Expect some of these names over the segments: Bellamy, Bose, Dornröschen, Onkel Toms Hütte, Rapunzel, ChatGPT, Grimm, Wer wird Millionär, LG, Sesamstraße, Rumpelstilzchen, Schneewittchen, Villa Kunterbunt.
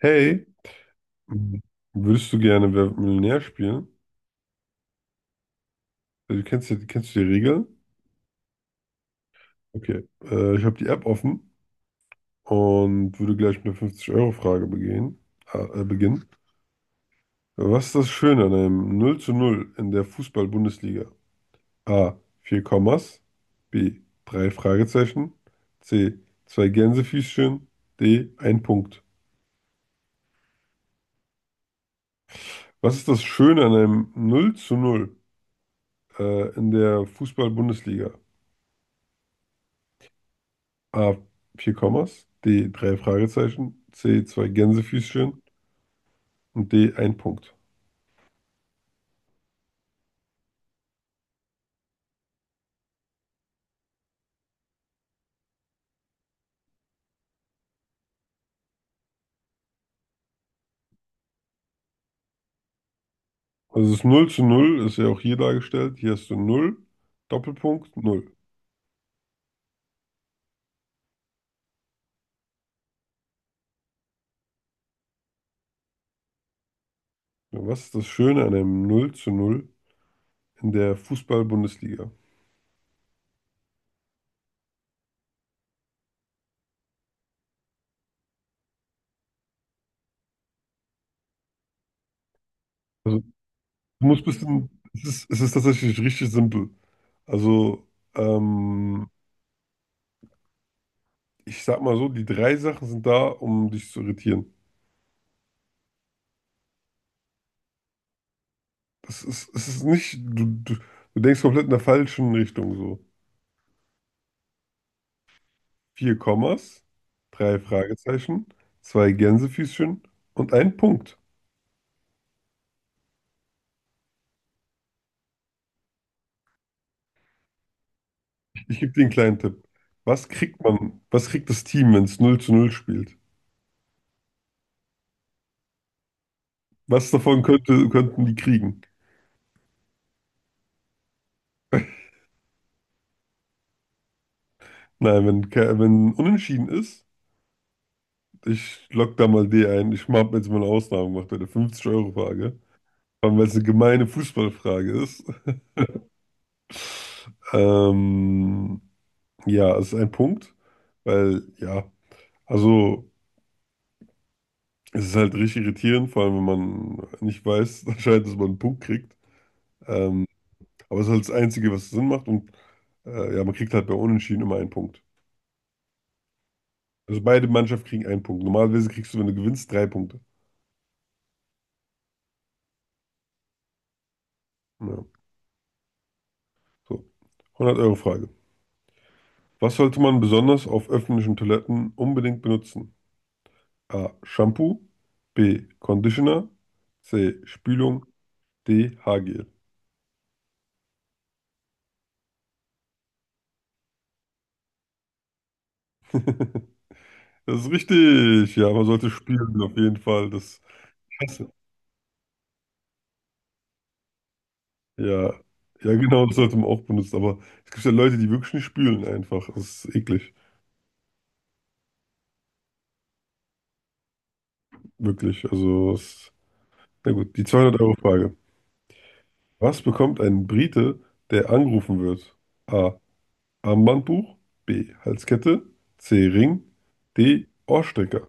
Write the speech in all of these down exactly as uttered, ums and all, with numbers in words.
Hey, würdest du gerne Wer wird Millionär spielen? Also, Du kennst, ja- kennst du die Regeln? Okay. Äh, ich habe die App offen und würde gleich mit der fünfzig-Euro-Frage begehen, äh, äh, beginnen. Was ist das Schöne an einem null zu null in der Fußball-Bundesliga? A. Vier Kommas. B. Drei Fragezeichen. C. Zwei Gänsefüßchen. D. Ein Punkt. Was ist das Schöne an einem null zu null äh, in der Fußball-Bundesliga? A. Vier Kommas, D. Drei Fragezeichen, C. Zwei Gänsefüßchen und D. Ein Punkt. Also, das null zu null ist ja auch hier dargestellt. Hier hast du null Doppelpunkt, null. Ja, Was ist das Schöne an einem null zu null in der Fußball-Bundesliga? Also, du musst bisschen, es ist, es ist tatsächlich richtig simpel. Also, ähm, ich sag mal so, die drei Sachen sind da, um dich zu irritieren. Das ist, es ist nicht, du, du, du denkst komplett in der falschen Richtung so. Vier Kommas, drei Fragezeichen, zwei Gänsefüßchen und ein Punkt. Ich gebe dir einen kleinen Tipp. Was kriegt man, was kriegt das Team, wenn es null zu null spielt? Was davon könnte, könnten die kriegen? Nein, wenn, ke- wenn unentschieden ist, ich lock da mal D ein. Ich habe jetzt mal eine Ausnahme gemacht bei der fünfzig Euro Frage, vor allem weil es eine gemeine Fußballfrage ist. Ähm, ja, es ist ein Punkt, weil ja, also. Es ist halt richtig irritierend, vor allem wenn man nicht weiß, anscheinend, dass man einen Punkt kriegt. Ähm, aber es ist halt das Einzige, was Sinn macht. Und äh, ja, man kriegt halt bei Unentschieden immer einen Punkt. Also beide Mannschaften kriegen einen Punkt. Normalerweise kriegst du, wenn du gewinnst, drei Punkte. Ja, so. hundert-Euro-Frage. Was sollte man besonders auf öffentlichen Toiletten unbedingt benutzen? A. Shampoo. B. Conditioner. C. Spülung. D. Haargel. Das ist richtig. Ja, man sollte spülen, auf jeden Fall. Das. Ja, ja, genau, das sollte man auch benutzen. Aber es gibt ja Leute, die wirklich nicht spülen einfach. Das ist eklig. Wirklich. Also, es, na gut, die zweihundert Euro Frage. Was bekommt ein Brite, der angerufen wird? A. Armbandbuch. B. Halskette. C. Ring. D. Ohrstecker.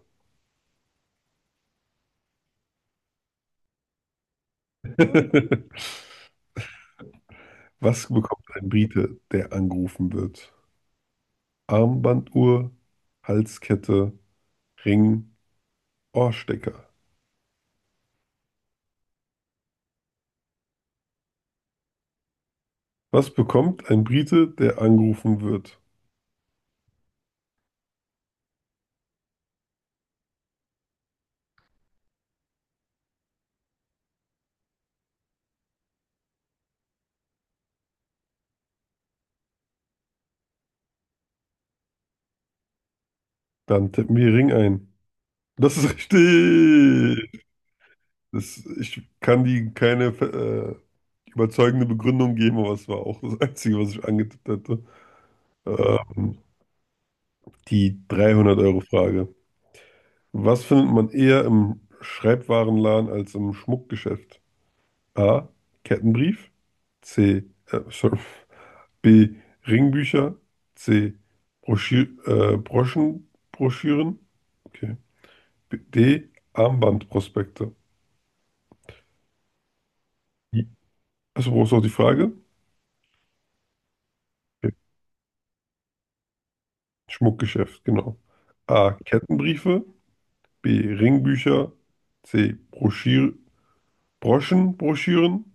Was bekommt ein Brite, der angerufen wird? Armbanduhr, Halskette, Ring, Ohrstecker. Was bekommt ein Brite, der angerufen wird? Dann tippen wir Ring ein. Das ist richtig. Das, ich kann die keine äh, überzeugende Begründung geben, aber es war auch das Einzige, was ich angetippt hätte. Ähm, Die dreihundert Euro Frage. Was findet man eher im Schreibwarenladen als im Schmuckgeschäft? A. Kettenbrief. C. Äh, sorry. B. Ringbücher. C. Broschü äh, Broschenbroschüren. Okay. B- D. Armbandprospekte. Achso, brauchst du auch die Frage? Okay. Schmuckgeschäft, genau. A. Kettenbriefe. B. Ringbücher. C. Broschir Broschenbroschüren.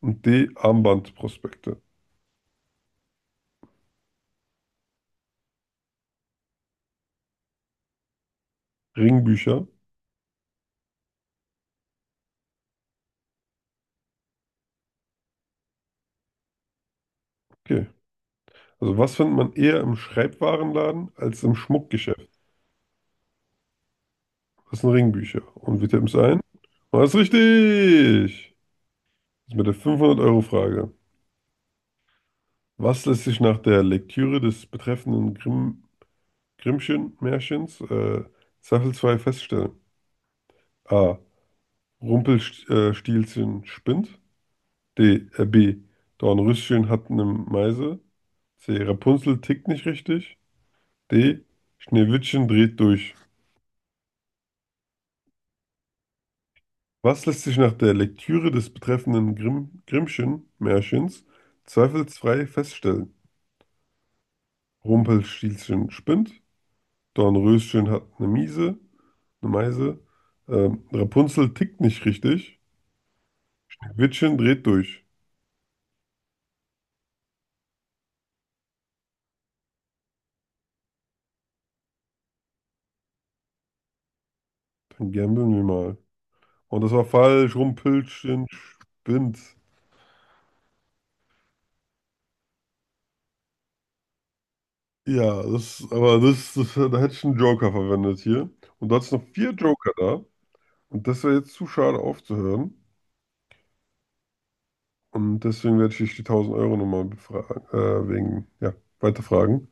Und D. Armbandprospekte. Ringbücher. Okay. Also, was findet man eher im Schreibwarenladen als im Schmuckgeschäft? Das sind Ringbücher. Und wir tippen es ein. Und das ist richtig! Das ist mit der fünfhundert-Euro-Frage. Was lässt sich nach der Lektüre des betreffenden Grimm Grimmschen-Märchens äh, zweifelsfrei feststellen? A. Rumpelstilzchen spinnt. D. Äh, B. Dornröschen hat eine Meise. C. Rapunzel tickt nicht richtig. D. Schneewittchen dreht durch. Was lässt sich nach der Lektüre des betreffenden Grimm Grimmschen-Märchens zweifelsfrei feststellen? Rumpelstilzchen spinnt. Dornröschen hat eine Miese, eine Meise. Ähm, Rapunzel tickt nicht richtig. Wittchen dreht durch. Dann gambeln wir mal. Und das war falsch. Rumpelstilzchen spinnt. Ja, das, aber das, das, da hätte ich einen Joker verwendet hier. Und du hattest noch vier Joker da. Und das wäre jetzt zu schade aufzuhören. Und deswegen werde ich dich die tausend Euro nochmal befragen, äh, wegen, ja, weiterfragen.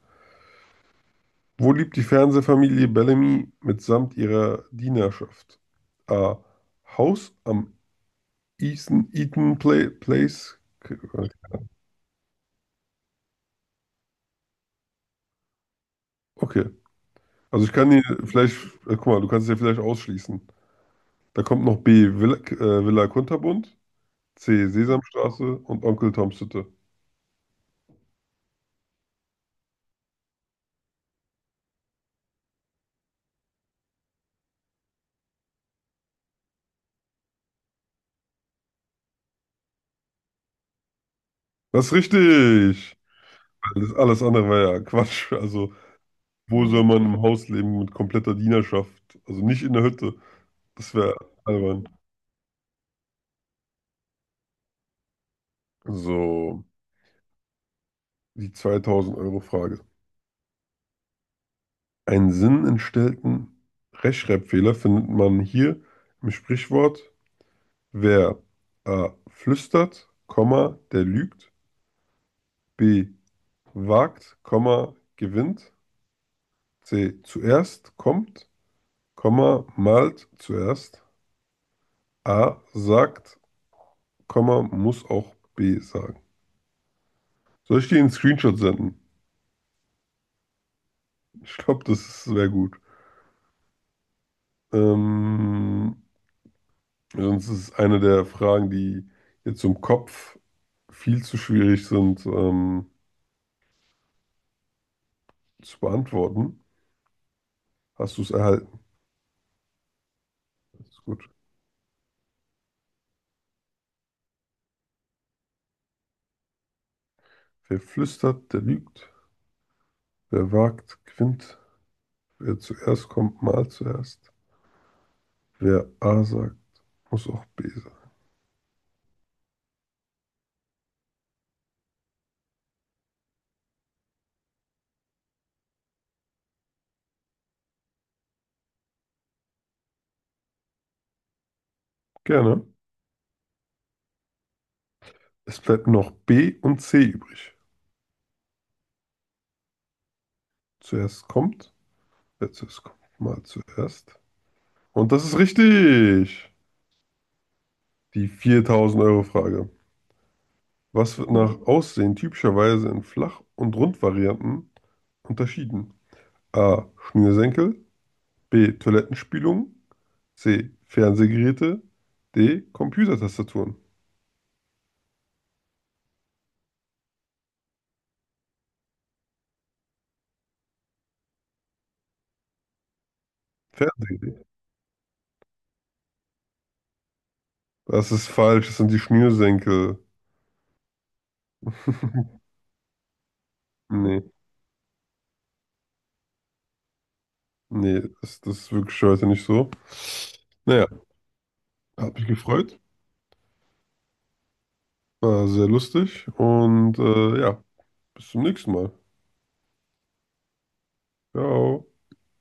Wo lebt die Fernsehfamilie Bellamy mitsamt ihrer Dienerschaft? A. Haus am Eaton, Eaton Pla- Place. Okay. Also, ich kann dir vielleicht, äh, guck mal, du kannst dir vielleicht ausschließen. Da kommt noch B. Villa, äh, Villa Kunterbunt. C. Sesamstraße und Onkel Toms Hütte. Das ist richtig. Alles, alles andere war ja Quatsch. Also, wo soll man im Haus leben mit kompletter Dienerschaft? Also nicht in der Hütte. Das wäre albern. So, die zweitausend-Euro-Frage. Einen sinnentstellten Rechtschreibfehler findet man hier im Sprichwort, wer A. flüstert, Komma, der lügt, B. wagt, Komma, gewinnt, C. zuerst kommt Komma malt zuerst. A sagt, Komma muss auch B sagen. Soll ich dir einen Screenshot senden? Ich glaube, das wäre gut. Ähm, Sonst ist es eine der Fragen, die jetzt im Kopf viel zu schwierig sind, ähm, zu beantworten. Hast du es erhalten? Das ist gut. Wer flüstert, der lügt. Wer wagt, gewinnt. Wer zuerst kommt, malt zuerst. Wer A sagt, muss auch B sagen. Gerne. Es bleibt noch B und C übrig. Zuerst kommt, wer zuerst kommt, mal zuerst. Und das ist richtig. Die viertausend-Euro-Frage. Was wird nach Aussehen typischerweise in Flach- und Rundvarianten unterschieden? A. Schnürsenkel. B. Toilettenspülung. C. Fernsehgeräte. D. Computertastaturen. Fernsehgeräte. Das ist falsch. Das sind die Schnürsenkel. Nee, nee, das, das ist wirklich heute nicht so. Naja, hat mich gefreut. War sehr lustig. Und äh, ja. Bis zum nächsten Mal. Ciao.